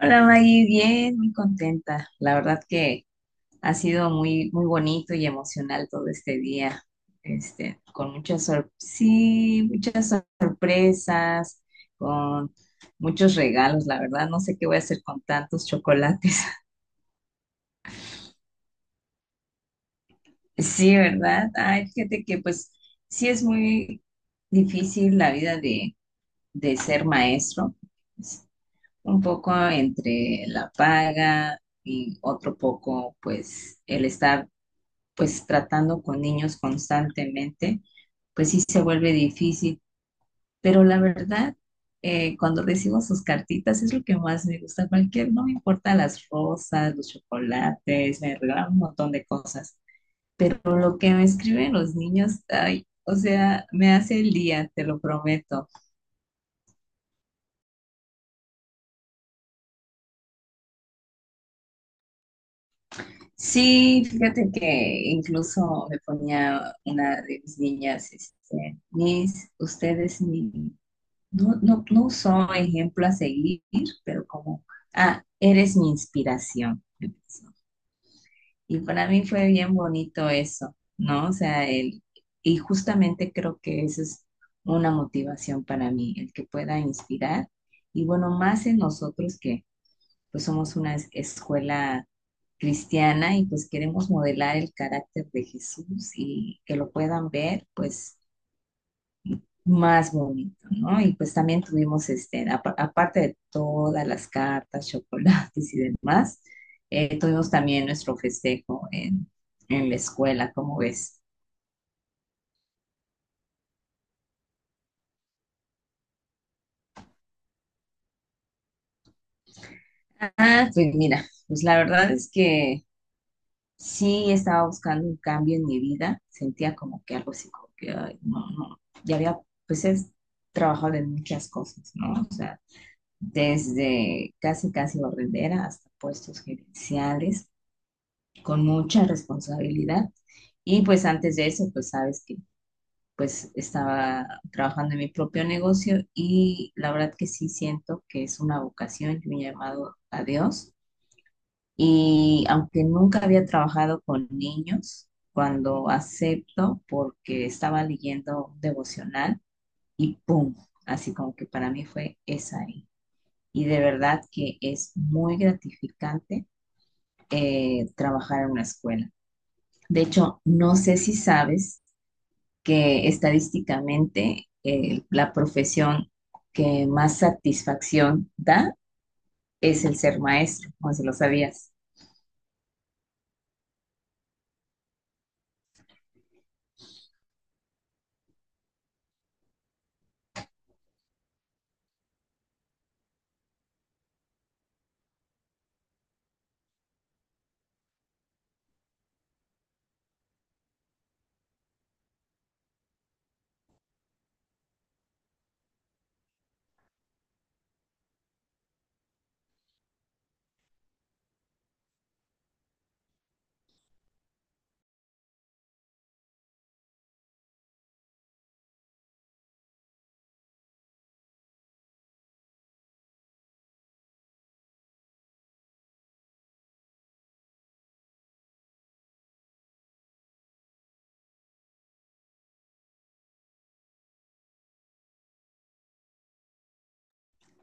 Hola Maggie, bien, muy contenta. La verdad que ha sido muy, muy bonito y emocional todo este día, con sí, sorpresas, con muchos regalos. La verdad, no sé qué voy a hacer con tantos chocolates. Sí, ¿verdad? Ay, fíjate que pues sí es muy difícil la vida de ser maestro. Es un poco entre la paga y otro poco pues el estar pues tratando con niños constantemente, pues sí se vuelve difícil. Pero la verdad, cuando recibo sus cartitas es lo que más me gusta. Cualquier, no me importa las rosas, los chocolates, me regalan un montón de cosas. Pero lo que me escriben los niños, ay, o sea, me hace el día, te lo prometo. Sí, fíjate que incluso me ponía una de mis niñas, este, mis, ustedes, mi no, no, no usó ejemplo a seguir, pero como, ah, eres mi inspiración. Y para mí fue bien bonito eso, ¿no? O sea, el, y justamente creo que esa es una motivación para mí, el que pueda inspirar. Y bueno, más en nosotros que pues somos una escuela cristiana y pues queremos modelar el carácter de Jesús y que lo puedan ver, pues más bonito, ¿no? Y pues también tuvimos, este, aparte de todas las cartas, chocolates y demás, tuvimos también nuestro festejo en la escuela, ¿cómo ves? Ah, pues mira, pues la verdad es que sí estaba buscando un cambio en mi vida, sentía como que algo así, como que, ay, no, no, ya había, pues he trabajado en muchas cosas, ¿no? O sea, desde casi, casi barrendera hasta puestos gerenciales con mucha responsabilidad. Y pues antes de eso, pues sabes que pues estaba trabajando en mi propio negocio y la verdad que sí siento que es una vocación y un llamado a Dios. Y aunque nunca había trabajado con niños, cuando acepto, porque estaba leyendo un devocional y ¡pum! Así como que para mí fue esa ahí. Y de verdad que es muy gratificante trabajar en una escuela. De hecho, no sé si sabes que estadísticamente la profesión que más satisfacción da es el ser maestro, no sé si lo sabías.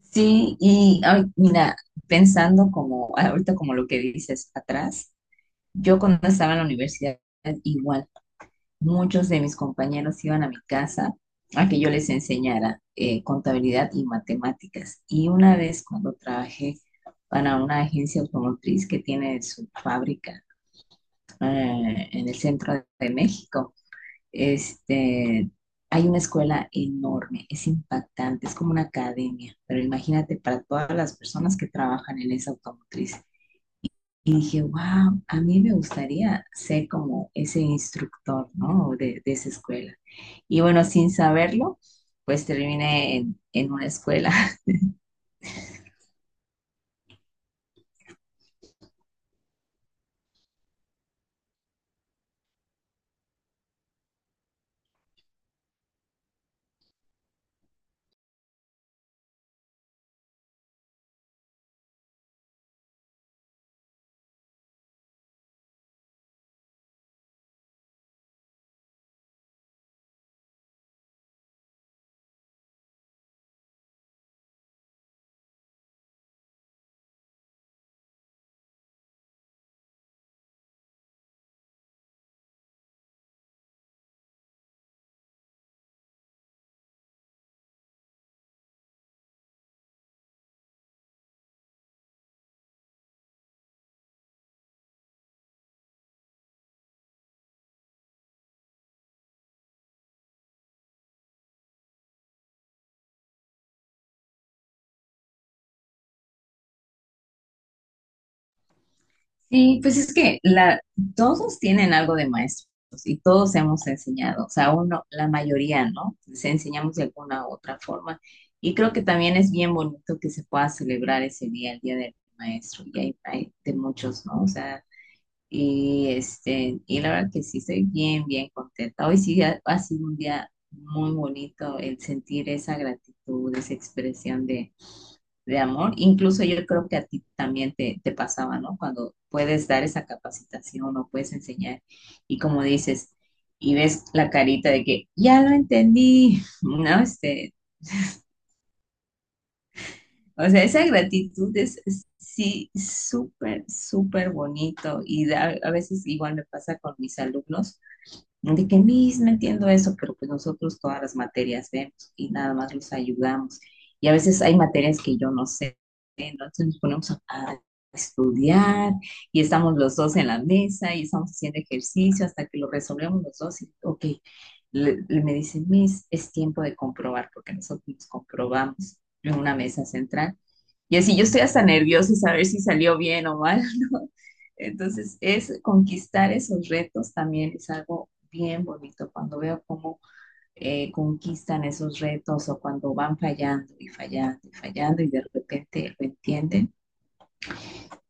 Sí, y ay, mira, pensando como ahorita como lo que dices atrás, yo cuando estaba en la universidad igual. Muchos de mis compañeros iban a mi casa a que yo les enseñara contabilidad y matemáticas. Y una vez cuando trabajé para una agencia automotriz que tiene su fábrica en el centro de México, este, hay una escuela enorme, es impactante, es como una academia, pero imagínate para todas las personas que trabajan en esa automotriz. Y dije, wow, a mí me gustaría ser como ese instructor, ¿no? De esa escuela. Y bueno, sin saberlo, pues terminé en una escuela. Sí, pues es que la, todos tienen algo de maestros y todos hemos enseñado, o sea, uno, la mayoría, ¿no? Se enseñamos de alguna u otra forma. Y creo que también es bien bonito que se pueda celebrar ese día, el Día del Maestro, y hay de muchos, ¿no? O sea, y, este, y la verdad que sí estoy bien, bien contenta. Hoy sí ha sido un día muy bonito el sentir esa gratitud, esa expresión de amor. Incluso yo creo que a ti también te pasaba, ¿no? Cuando puedes dar esa capacitación o puedes enseñar y como dices, y ves la carita de que ya lo entendí, ¿no? Este, o sea, esa gratitud es sí súper, súper bonito y da- a veces igual me pasa con mis alumnos de que Miss, no entiendo eso, pero pues nosotros todas las materias vemos y nada más los ayudamos. Y a veces hay materias que yo no sé, entonces nos ponemos a estudiar y estamos los dos en la mesa y estamos haciendo ejercicio hasta que lo resolvemos los dos y, ok, me dice Miss, es tiempo de comprobar porque nosotros nos comprobamos en una mesa central. Y así yo estoy hasta nerviosa y saber si salió bien o mal. Entonces, es conquistar esos retos también es algo bien bonito cuando veo cómo conquistan esos retos o cuando van fallando y fallando y fallando y de repente lo entienden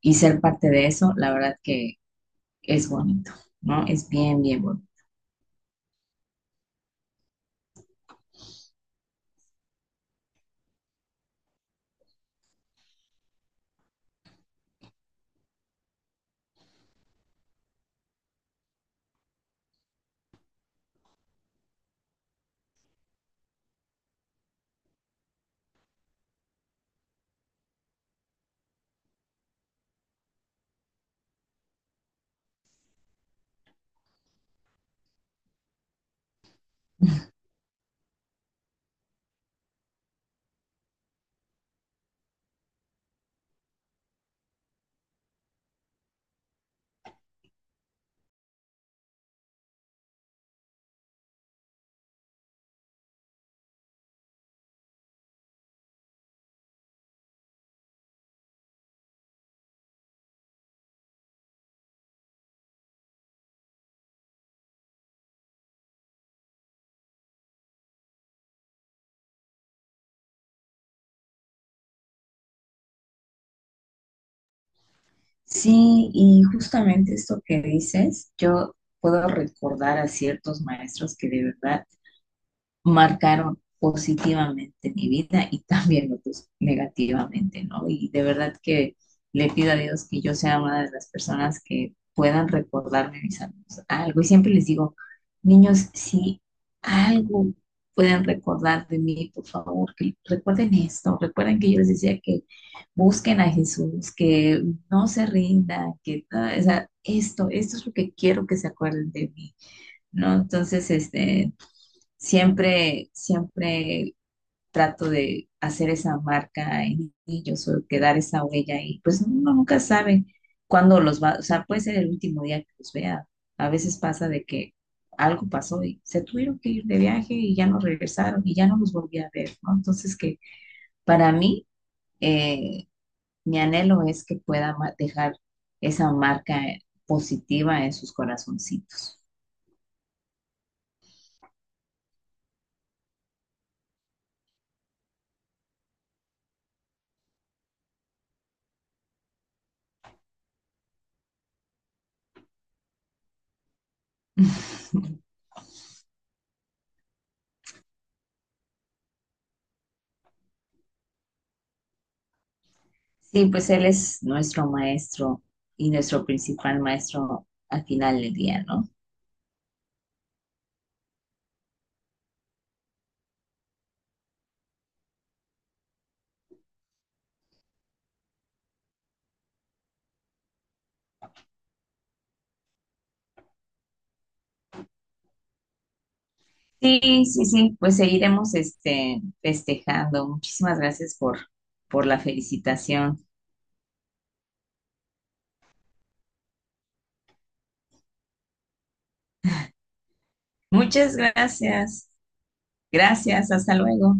y ser parte de eso, la verdad que es bonito, ¿no? Es bien, bien bonito. Sí, y justamente esto que dices, yo puedo recordar a ciertos maestros que de verdad marcaron positivamente mi vida y también otros negativamente, ¿no? Y de verdad que le pido a Dios que yo sea una de las personas que puedan recordarme mis amigos algo. Y siempre les digo, niños, si algo pueden recordar de mí, por favor, que recuerden esto, recuerden que yo les decía que busquen a Jesús, que no se rindan, que o sea, esto es lo que quiero que se acuerden de mí, ¿no? Entonces, este, siempre, siempre trato de hacer esa marca en ellos o quedar esa huella y pues uno nunca sabe cuándo los va, o sea, puede ser el último día que los vea. A veces pasa de que algo pasó y se tuvieron que ir de viaje y ya no regresaron y ya no los volví a ver, ¿no? Entonces que para mí, eh, mi anhelo es que pueda dejar esa marca positiva en sus corazoncitos. Sí, pues Él es nuestro maestro y nuestro principal maestro al final del día, ¿no? Sí, sí, sí, pues seguiremos este, festejando. Muchísimas gracias por la felicitación. Muchas gracias. Gracias, hasta luego.